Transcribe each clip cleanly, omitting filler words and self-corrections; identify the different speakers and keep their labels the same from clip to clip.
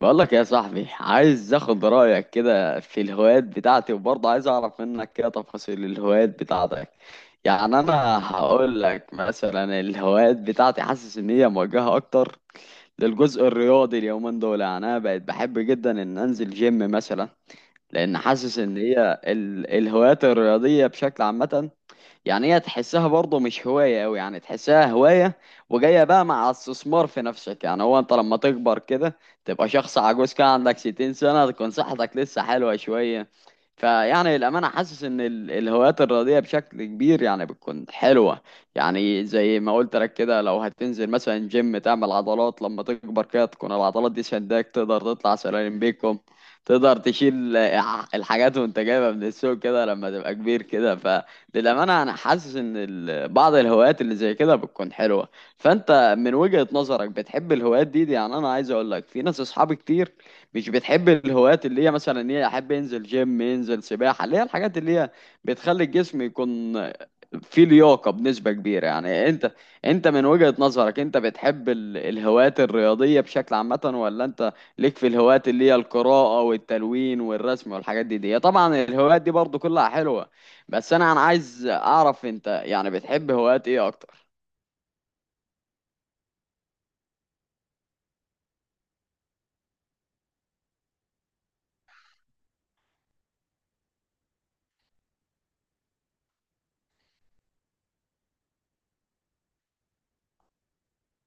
Speaker 1: بقولك يا صاحبي، عايز اخد رأيك كده في الهوايات بتاعتي، وبرضه عايز اعرف منك كده تفاصيل الهوايات بتاعتك. يعني انا هقول لك مثلا، الهوايات بتاعتي حاسس ان هي موجهة اكتر للجزء الرياضي اليومين دول. يعني انا بقيت بحب جدا ان انزل جيم مثلا، لان حاسس ان هي الهوايات الرياضية بشكل عامة. يعني هي تحسها برضه مش هواية أوي، يعني تحسها هواية وجاية بقى مع استثمار في نفسك. يعني هو أنت لما تكبر كده، تبقى شخص عجوز كده عندك 60 سنة، تكون صحتك لسه حلوة شوية. فيعني الأمانة حاسس إن الهوايات الرياضية بشكل كبير، يعني بتكون حلوة. يعني زي ما قلت لك كده، لو هتنزل مثلا جيم تعمل عضلات، لما تكبر كده تكون العضلات دي سنداك، تقدر تطلع سلالم بيكم. تقدر تشيل الحاجات وانت جايبها من السوق كده لما تبقى كبير كده، ف للأمانة أنا حاسس إن بعض الهوايات اللي زي كده بتكون حلوة. فأنت من وجهة نظرك بتحب الهوايات دي؟ يعني أنا عايز أقول لك في ناس أصحابي كتير مش بتحب الهوايات اللي هي مثلا إن هي أحب ينزل جيم ينزل سباحة، اللي هي الحاجات اللي هي بتخلي الجسم يكون في لياقة بنسبة كبيرة. يعني انت من وجهة نظرك، انت بتحب الهوايات الرياضية بشكل عامة، ولا انت ليك في الهوايات اللي هي القراءة والتلوين والرسم والحاجات دي؟ طبعا الهوايات دي برضو كلها حلوة، بس انا عايز اعرف انت يعني بتحب هوايات ايه اكتر؟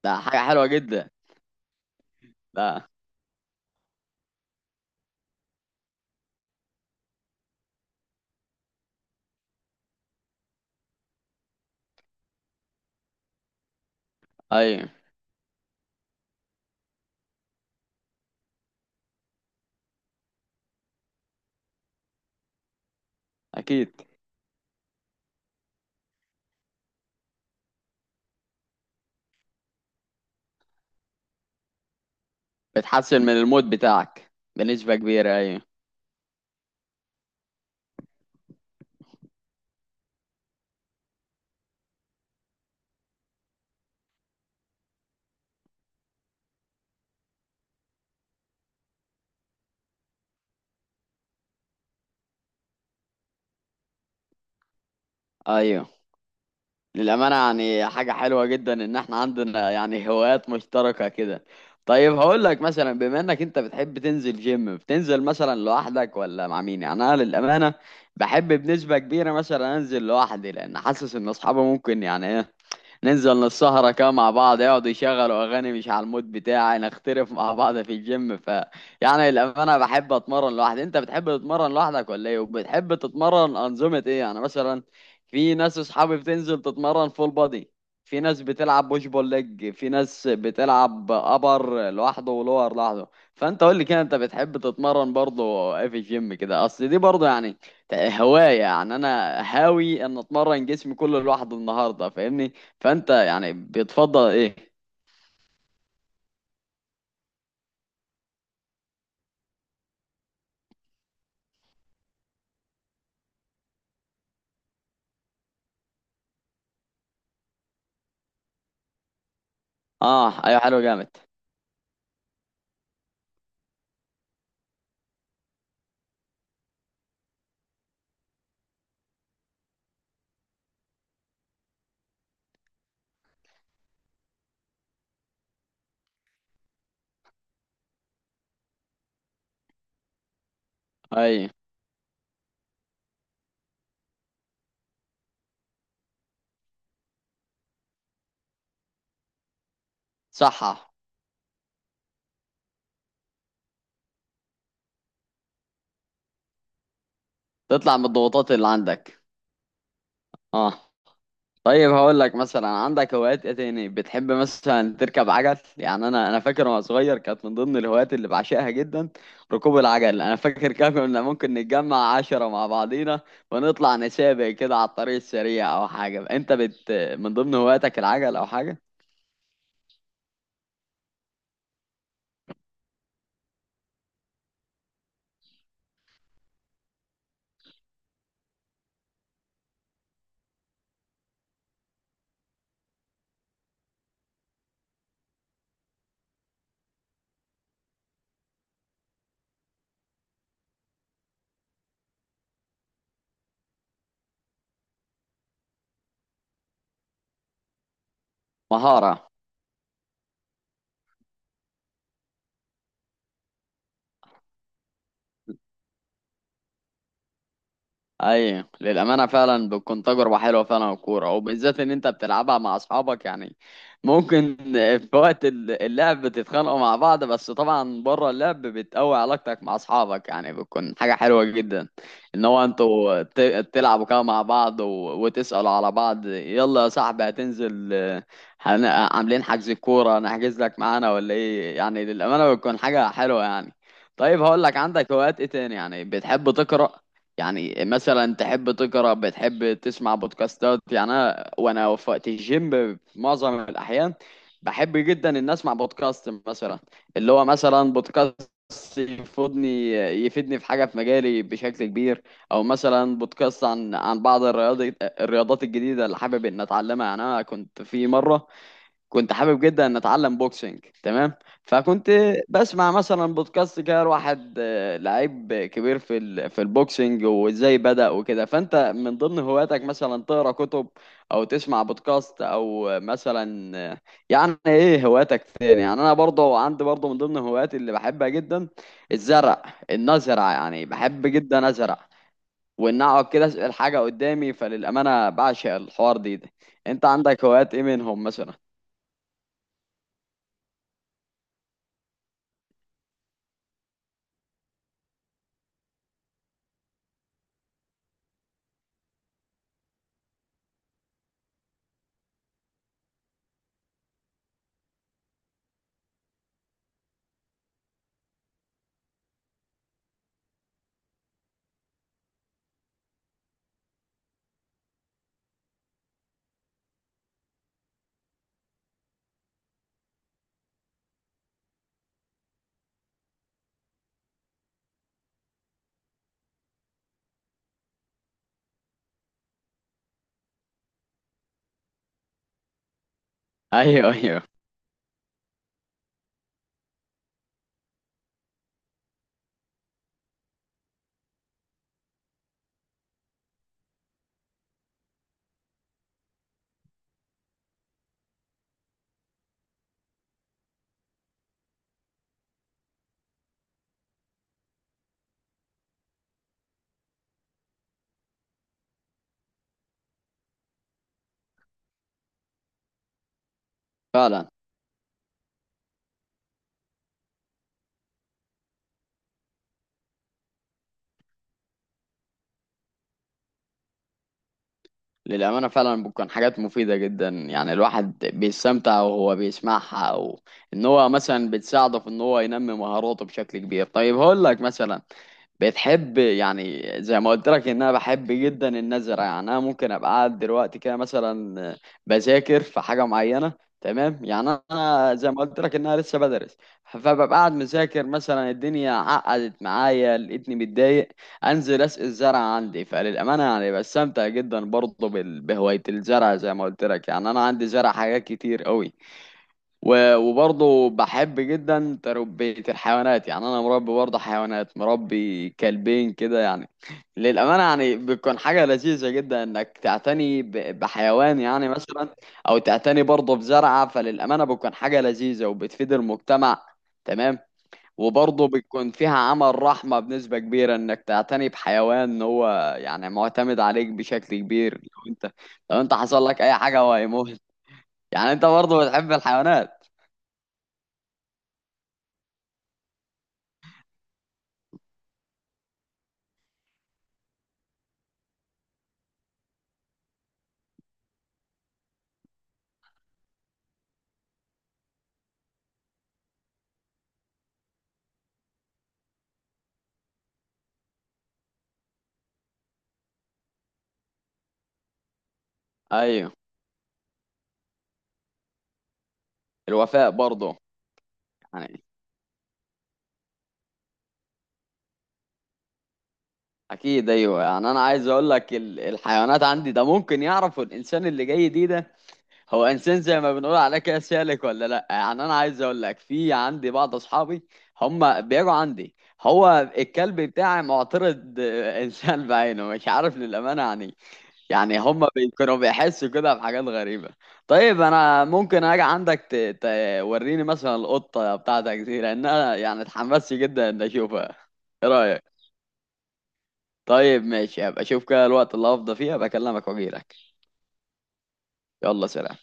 Speaker 1: ده حاجة حلوة جدا. لا. ايوه. اكيد. بتحسن من المود بتاعك بنسبة كبيرة. ايوه، ايوه. للأمانة يعني حاجة حلوة جدا إن إحنا عندنا يعني هوايات مشتركة كده. طيب هقول لك مثلا، بما إنك أنت بتحب تنزل جيم، بتنزل مثلا لوحدك ولا مع مين؟ يعني أنا للأمانة بحب بنسبة كبيرة مثلا أنزل لوحدي، لأن حاسس إن أصحابي ممكن يعني إيه، ننزل نسهرة كده مع بعض يقعدوا يشغلوا أغاني مش على المود بتاعي، نختلف مع بعض في الجيم، ف يعني الأمانة بحب أتمرن لوحدي. أنت بتحب تتمرن لوحدك ولا إيه؟ وبتحب تتمرن أنظمة إيه؟ يعني مثلا في ناس أصحابي بتنزل تتمرن فول بادي، في ناس بتلعب بوش بول ليج، في ناس بتلعب أبر لوحده ولور لوحده. فأنت قول لي كده، أنت بتحب تتمرن برضه إيه في الجيم كده؟ أصل دي برضه يعني هواية. يعني أنا هاوي إن أتمرن جسمي كله لوحده النهاردة، فاهمني؟ فانت يعني بتفضل ايه؟ اه، ايوه، حلو جامد. اي. صح. تطلع من الضغوطات اللي عندك. اه. طيب هقول لك مثلا، عندك هوايات ايه تاني؟ بتحب مثلا تركب عجل؟ يعني انا فاكر وانا صغير كانت من ضمن الهوايات اللي بعشقها جدا ركوب العجل. انا فاكر كنا ممكن نتجمع 10 مع بعضينا ونطلع نسابق كده على الطريق السريع او حاجة. انت من ضمن هواياتك العجل او حاجة؟ مهارة. اي، للامانه فعلا بتكون تجربه حلوه فعلا الكوره، وبالذات ان انت بتلعبها مع اصحابك، يعني ممكن في وقت اللعب بتتخانقوا مع بعض، بس طبعا بره اللعب بتقوي علاقتك مع اصحابك، يعني بتكون حاجه حلوه جدا. ان هو انتوا تلعبوا كده مع بعض وتسالوا على بعض، يلا يا صاحبي هتنزل عاملين حجز كوره نحجز لك معانا ولا ايه؟ يعني للامانه بتكون حاجه حلوه يعني. طيب هقول لك عندك هوايات ايه تاني؟ يعني بتحب تقرا؟ يعني مثلا تحب تقرا، بتحب تسمع بودكاستات؟ يعني انا وانا في وقت الجيم في معظم الاحيان بحب جدا ان اسمع بودكاست مثلا، اللي هو مثلا بودكاست يفيدني يفيدني في حاجه في مجالي بشكل كبير. او مثلا بودكاست عن بعض الرياضات الجديده اللي حابب ان اتعلمها. يعني انا كنت في مره كنت حابب جدا ان اتعلم بوكسنج، تمام. فكنت بسمع مثلا بودكاست كده، واحد لعيب كبير في البوكسنج وازاي بدأ وكده. فانت من ضمن هواياتك مثلا تقرا كتب، او تسمع بودكاست، او مثلا يعني ايه هواياتك تاني؟ يعني انا برضه عندي برضه من ضمن هواياتي اللي بحبها جدا الزرع، ان ازرع، يعني بحب جدا ازرع وان اقعد كده اسال حاجه قدامي. فللامانه بعشق الحوار ده. انت عندك هوايات ايه منهم مثلا؟ ايوه، ايوه، فعلا. للامانه فعلا بتكون حاجات مفيده جدا. يعني الواحد بيستمتع وهو بيسمعها، او ان هو مثلا بتساعده في ان هو ينمي مهاراته بشكل كبير. طيب هقول لك مثلا، بتحب يعني زي ما قلت لك ان انا بحب جدا النزرة، يعني انا ممكن ابقى قاعد دلوقتي كده مثلا بذاكر في حاجة معينة، تمام؟ يعني انا زي ما قلت لك ان انا لسه بدرس، فببقى قاعد مذاكر مثلا الدنيا عقدت معايا لقيتني متضايق، انزل اسقي الزرع عندي. فللامانه يعني بستمتع جدا برضه بهوايه الزرع زي ما قلت لك. يعني انا عندي زرع حاجات كتير قوي، وبرضه بحب جدا تربيه الحيوانات. يعني انا مربي برضه حيوانات، مربي كلبين كده يعني. للامانه يعني بتكون حاجه لذيذه جدا انك تعتني بحيوان يعني مثلا، او تعتني برضه بزرعه. فللامانه بتكون حاجه لذيذه وبتفيد المجتمع، تمام. وبرضه بيكون فيها عمل رحمة بنسبة كبيرة انك تعتني بحيوان ان هو يعني معتمد عليك بشكل كبير، لو انت حصل لك اي حاجة هو هيموت. يعني انت برضه بتحب الحيوانات؟ ايوه الوفاء برضه. يعني اكيد، ايوه. يعني انا عايز اقول لك الحيوانات عندي ده ممكن يعرفوا الانسان اللي جاي ده هو انسان زي ما بنقول عليه كده سالك ولا لا. يعني انا عايز اقول لك في عندي بعض اصحابي هم بيجوا عندي، هو الكلب بتاعي معترض انسان بعينه مش عارف للامانه يعني هم كانوا بيحسوا كده بحاجات غريبه. طيب انا ممكن اجي عندك توريني مثلا القطه بتاعتك دي، لان انا يعني اتحمست جدا ان اشوفها. ايه رايك؟ طيب ماشي، هبقى اشوف كده الوقت اللي هفضى فيه هبقى اكلمك واجيلك. يلا سلام.